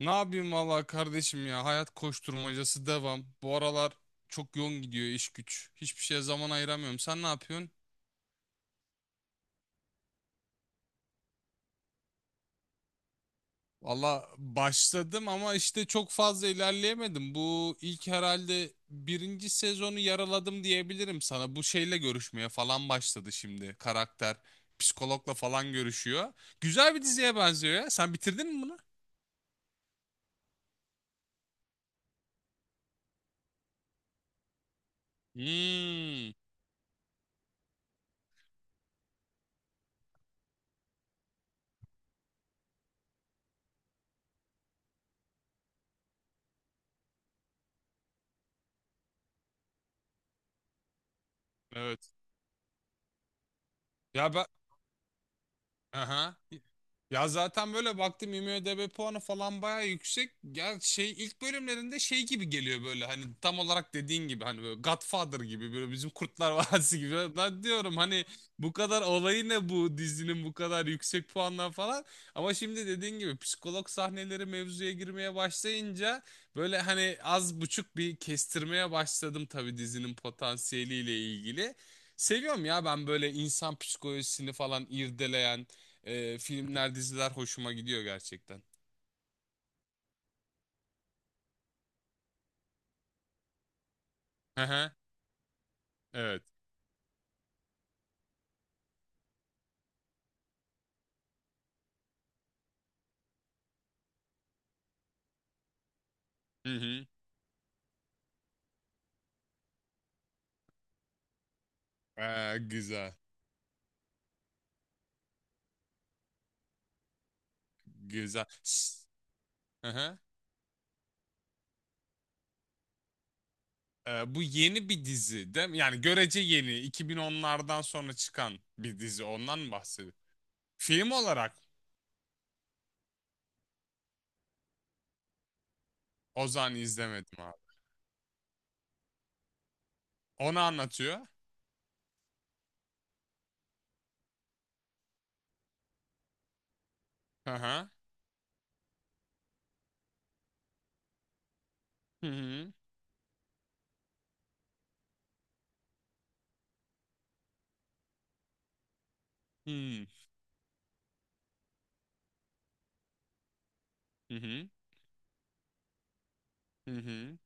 Ne yapayım valla kardeşim ya hayat koşturmacası devam. Bu aralar çok yoğun gidiyor iş güç. Hiçbir şeye zaman ayıramıyorum. Sen ne yapıyorsun? Valla başladım ama işte çok fazla ilerleyemedim. Bu ilk herhalde birinci sezonu yaraladım diyebilirim sana. Bu şeyle görüşmeye falan başladı şimdi karakter. Psikologla falan görüşüyor. Güzel bir diziye benziyor ya. Sen bitirdin mi bunu? Hmm, evet. Ya ben... Aha. Ya zaten böyle baktım IMDb puanı falan bayağı yüksek. Ya şey ilk bölümlerinde şey gibi geliyor böyle hani tam olarak dediğin gibi hani böyle Godfather gibi böyle bizim Kurtlar Vadisi gibi. Ben diyorum hani bu kadar olayı ne bu dizinin bu kadar yüksek puanlar falan. Ama şimdi dediğin gibi psikolog sahneleri mevzuya girmeye başlayınca böyle hani az buçuk bir kestirmeye başladım tabii dizinin potansiyeliyle ilgili. Seviyorum ya ben böyle insan psikolojisini falan irdeleyen filmler, diziler hoşuma gidiyor gerçekten. Hı hı. Evet. Hı hı. Güzel. Güzel. Hı hı. Bu yeni bir dizi değil mi? Yani görece yeni. 2010'lardan sonra çıkan bir dizi. Ondan mı bahsediyor? Film olarak Ozan'ı izlemedim abi. Onu anlatıyor. Hı hı. Hı hı. Hı hı. Hı hı. Hı hı.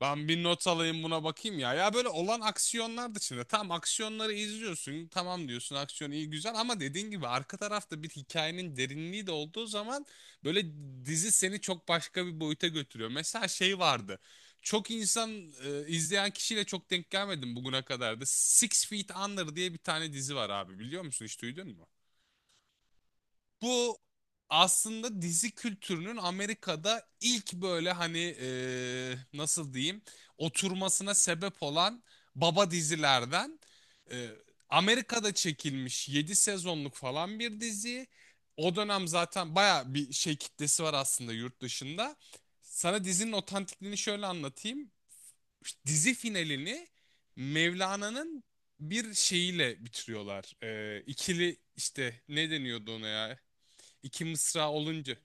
Ben bir not alayım buna bakayım ya. Ya böyle olan aksiyonlar dışında tam aksiyonları izliyorsun. Tamam diyorsun aksiyon iyi güzel ama dediğin gibi arka tarafta bir hikayenin derinliği de olduğu zaman böyle dizi seni çok başka bir boyuta götürüyor. Mesela şey vardı. Çok insan izleyen kişiyle çok denk gelmedim bugüne kadar da. Six Feet Under diye bir tane dizi var abi biliyor musun? Hiç duydun mu? Bu aslında dizi kültürünün Amerika'da ilk böyle hani nasıl diyeyim oturmasına sebep olan baba dizilerden. Eee, Amerika'da çekilmiş 7 sezonluk falan bir dizi. O dönem zaten baya bir şey kitlesi var aslında yurt dışında. Sana dizinin otantikliğini şöyle anlatayım. Dizi finalini Mevlana'nın bir şeyiyle bitiriyorlar. İkili işte ne deniyordu ona ya? İki mısra olunca.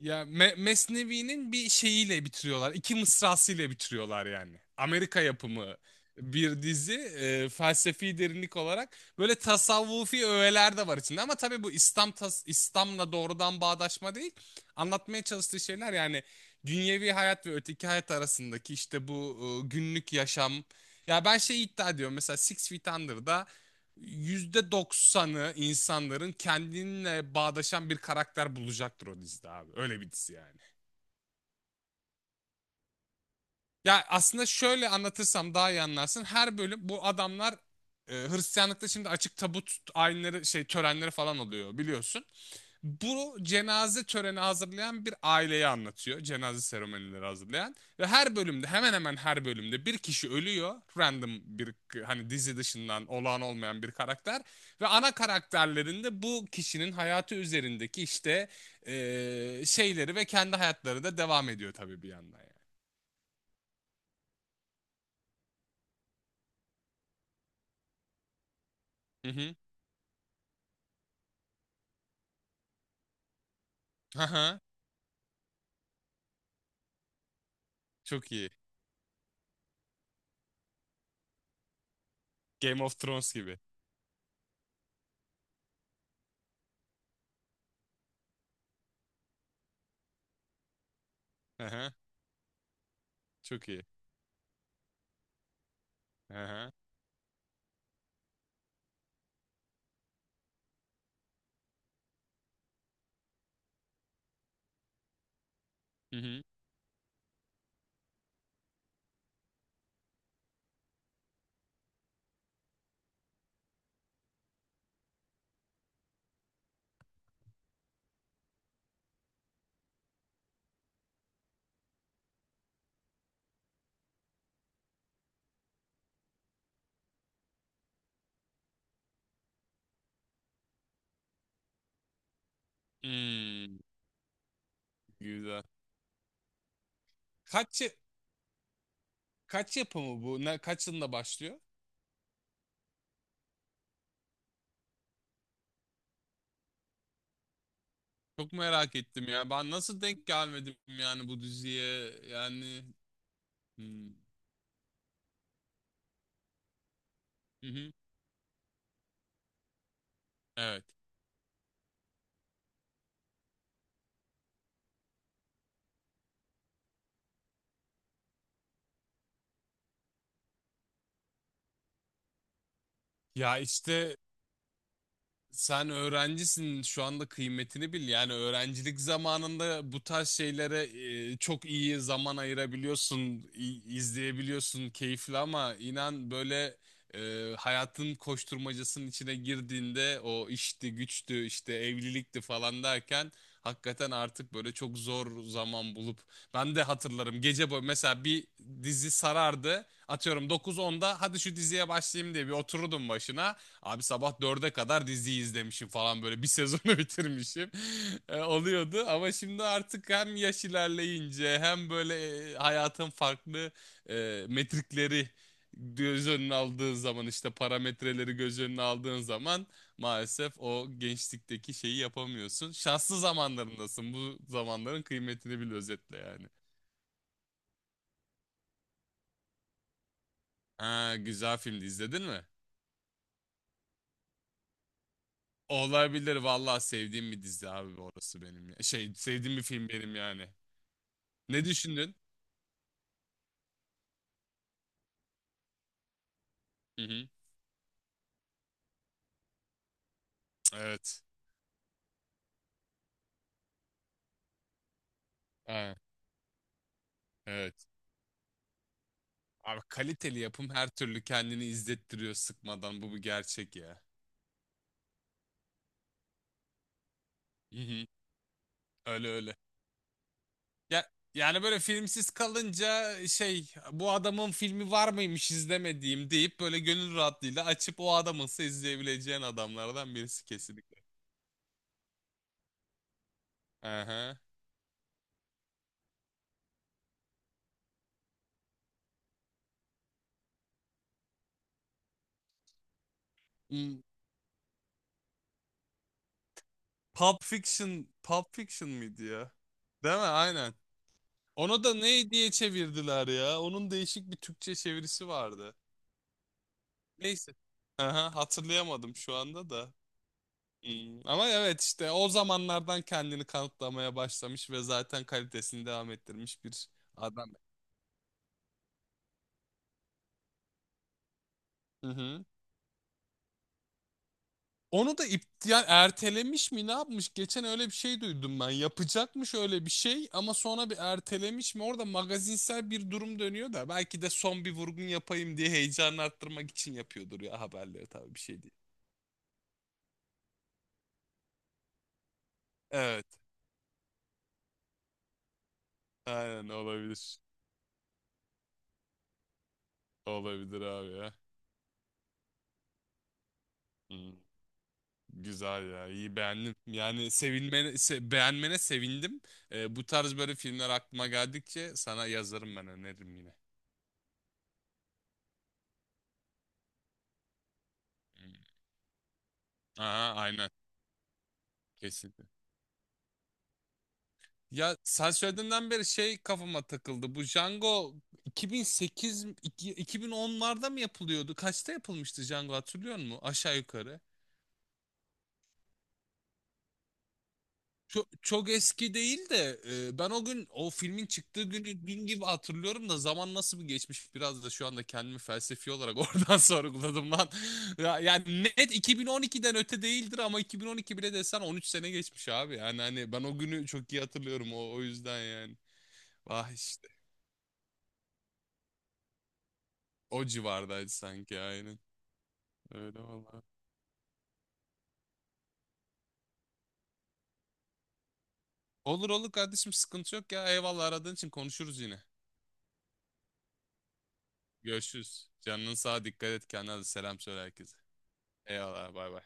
Ya Mesnevi'nin bir şeyiyle bitiriyorlar. İki mısrasıyla bitiriyorlar yani. Amerika yapımı bir dizi felsefi derinlik olarak böyle tasavvufi öğeler de var içinde ama tabii bu İslam İslam'la doğrudan bağdaşma değil. Anlatmaya çalıştığı şeyler yani dünyevi hayat ve öteki hayat arasındaki işte bu günlük yaşam. Ya ben şey iddia ediyorum mesela Six Feet Under'da %90'ı insanların kendinle bağdaşan bir karakter bulacaktır o dizide abi. Öyle bir dizi yani. Ya aslında şöyle anlatırsam daha iyi anlarsın. Her bölüm bu adamlar Hristiyanlıkta şimdi açık tabut ayinleri şey törenleri falan oluyor biliyorsun. Bu cenaze töreni hazırlayan bir aileyi anlatıyor. Cenaze seremonileri hazırlayan. Ve her bölümde hemen hemen her bölümde bir kişi ölüyor. Random bir hani dizi dışından olağan olmayan bir karakter. Ve ana karakterlerinde bu kişinin hayatı üzerindeki işte şeyleri ve kendi hayatları da devam ediyor tabii bir yandan yani. Hı hı. Hı hı. Çok iyi. Game of Thrones gibi. Aha, çok iyi. Aha. Hı hı. Hmm, Güzel. Kaç ya- kaç yapımı bu? Ne, kaç yılında başlıyor? Çok merak ettim ya. Ben nasıl denk gelmedim yani bu diziye? Yani hmm, hı hı. Evet. Ya işte sen öğrencisin şu anda kıymetini bil. Yani öğrencilik zamanında bu tarz şeylere çok iyi zaman ayırabiliyorsun, izleyebiliyorsun keyifli ama inan böyle hayatın koşturmacasının içine girdiğinde o işti, güçtü, işte evlilikti falan derken hakikaten artık böyle çok zor zaman bulup ben de hatırlarım gece boyu mesela bir dizi sarardı atıyorum 9-10'da hadi şu diziye başlayayım diye bir otururdum başına. Abi sabah 4'e kadar dizi izlemişim falan böyle bir sezonu bitirmişim. Oluyordu ama şimdi artık hem yaş ilerleyince hem böyle hayatın farklı metrikleri göz önüne aldığın zaman işte parametreleri göz önüne aldığın zaman maalesef o gençlikteki şeyi yapamıyorsun. Şanslı zamanlarındasın. Bu zamanların kıymetini bil özetle yani. Ha, güzel filmdi izledin mi? Olabilir vallahi sevdiğim bir dizi abi orası benim ya. Şey sevdiğim bir film benim yani. Ne düşündün? Hı hı. Evet. Ha, evet. Abi kaliteli yapım her türlü kendini izlettiriyor sıkmadan. Bu bir gerçek ya. Hı hı. Öyle öyle. Ya yani böyle filmsiz kalınca şey bu adamın filmi var mıymış izlemediğim deyip böyle gönül rahatlığıyla açıp o adamınsa izleyebileceğin adamlardan birisi kesinlikle. Aha. Hmm, Pulp Fiction, Pulp Fiction mıydı ya? Değil mi? Aynen. Onu da ne diye çevirdiler ya? Onun değişik bir Türkçe çevirisi vardı. Neyse. Aha, hatırlayamadım şu anda da. Ama evet işte o zamanlardan kendini kanıtlamaya başlamış ve zaten kalitesini devam ettirmiş bir adam. Hı hı. Onu da iptal ertelemiş mi ne yapmış? Geçen öyle bir şey duydum ben. Yapacakmış öyle bir şey ama sonra bir ertelemiş mi? Orada magazinsel bir durum dönüyor da belki de son bir vurgun yapayım diye heyecanı arttırmak için yapıyordur ya haberleri tabii bir şey değil. Evet. Aynen olabilir. Olabilir abi ya. Hı. Güzel ya, iyi beğendim. Yani sevilmene, beğenmene sevindim. Bu tarz böyle filmler aklıma geldikçe sana yazarım ben öneririm yine. Hmm. Aha, aynen, kesinlikle. Ya sen söylediğinden beri şey kafama takıldı. Bu Django 2008, 2010'larda mı yapılıyordu? Kaçta yapılmıştı Django hatırlıyor musun? Aşağı yukarı. Çok, çok eski değil de ben o gün o filmin çıktığı günü dün gibi hatırlıyorum da zaman nasıl bir geçmiş biraz da şu anda kendimi felsefi olarak oradan sorguladım lan. Ya, yani net 2012'den öte değildir ama 2012 bile desen 13 sene geçmiş abi. Yani hani ben o günü çok iyi hatırlıyorum o yüzden yani. Vah işte o civardaydı sanki aynen. Öyle vallahi. Olur olur kardeşim sıkıntı yok ya eyvallah aradığın için konuşuruz yine. Görüşürüz. Canının sağa dikkat et kendine selam söyle herkese. Eyvallah bay bay.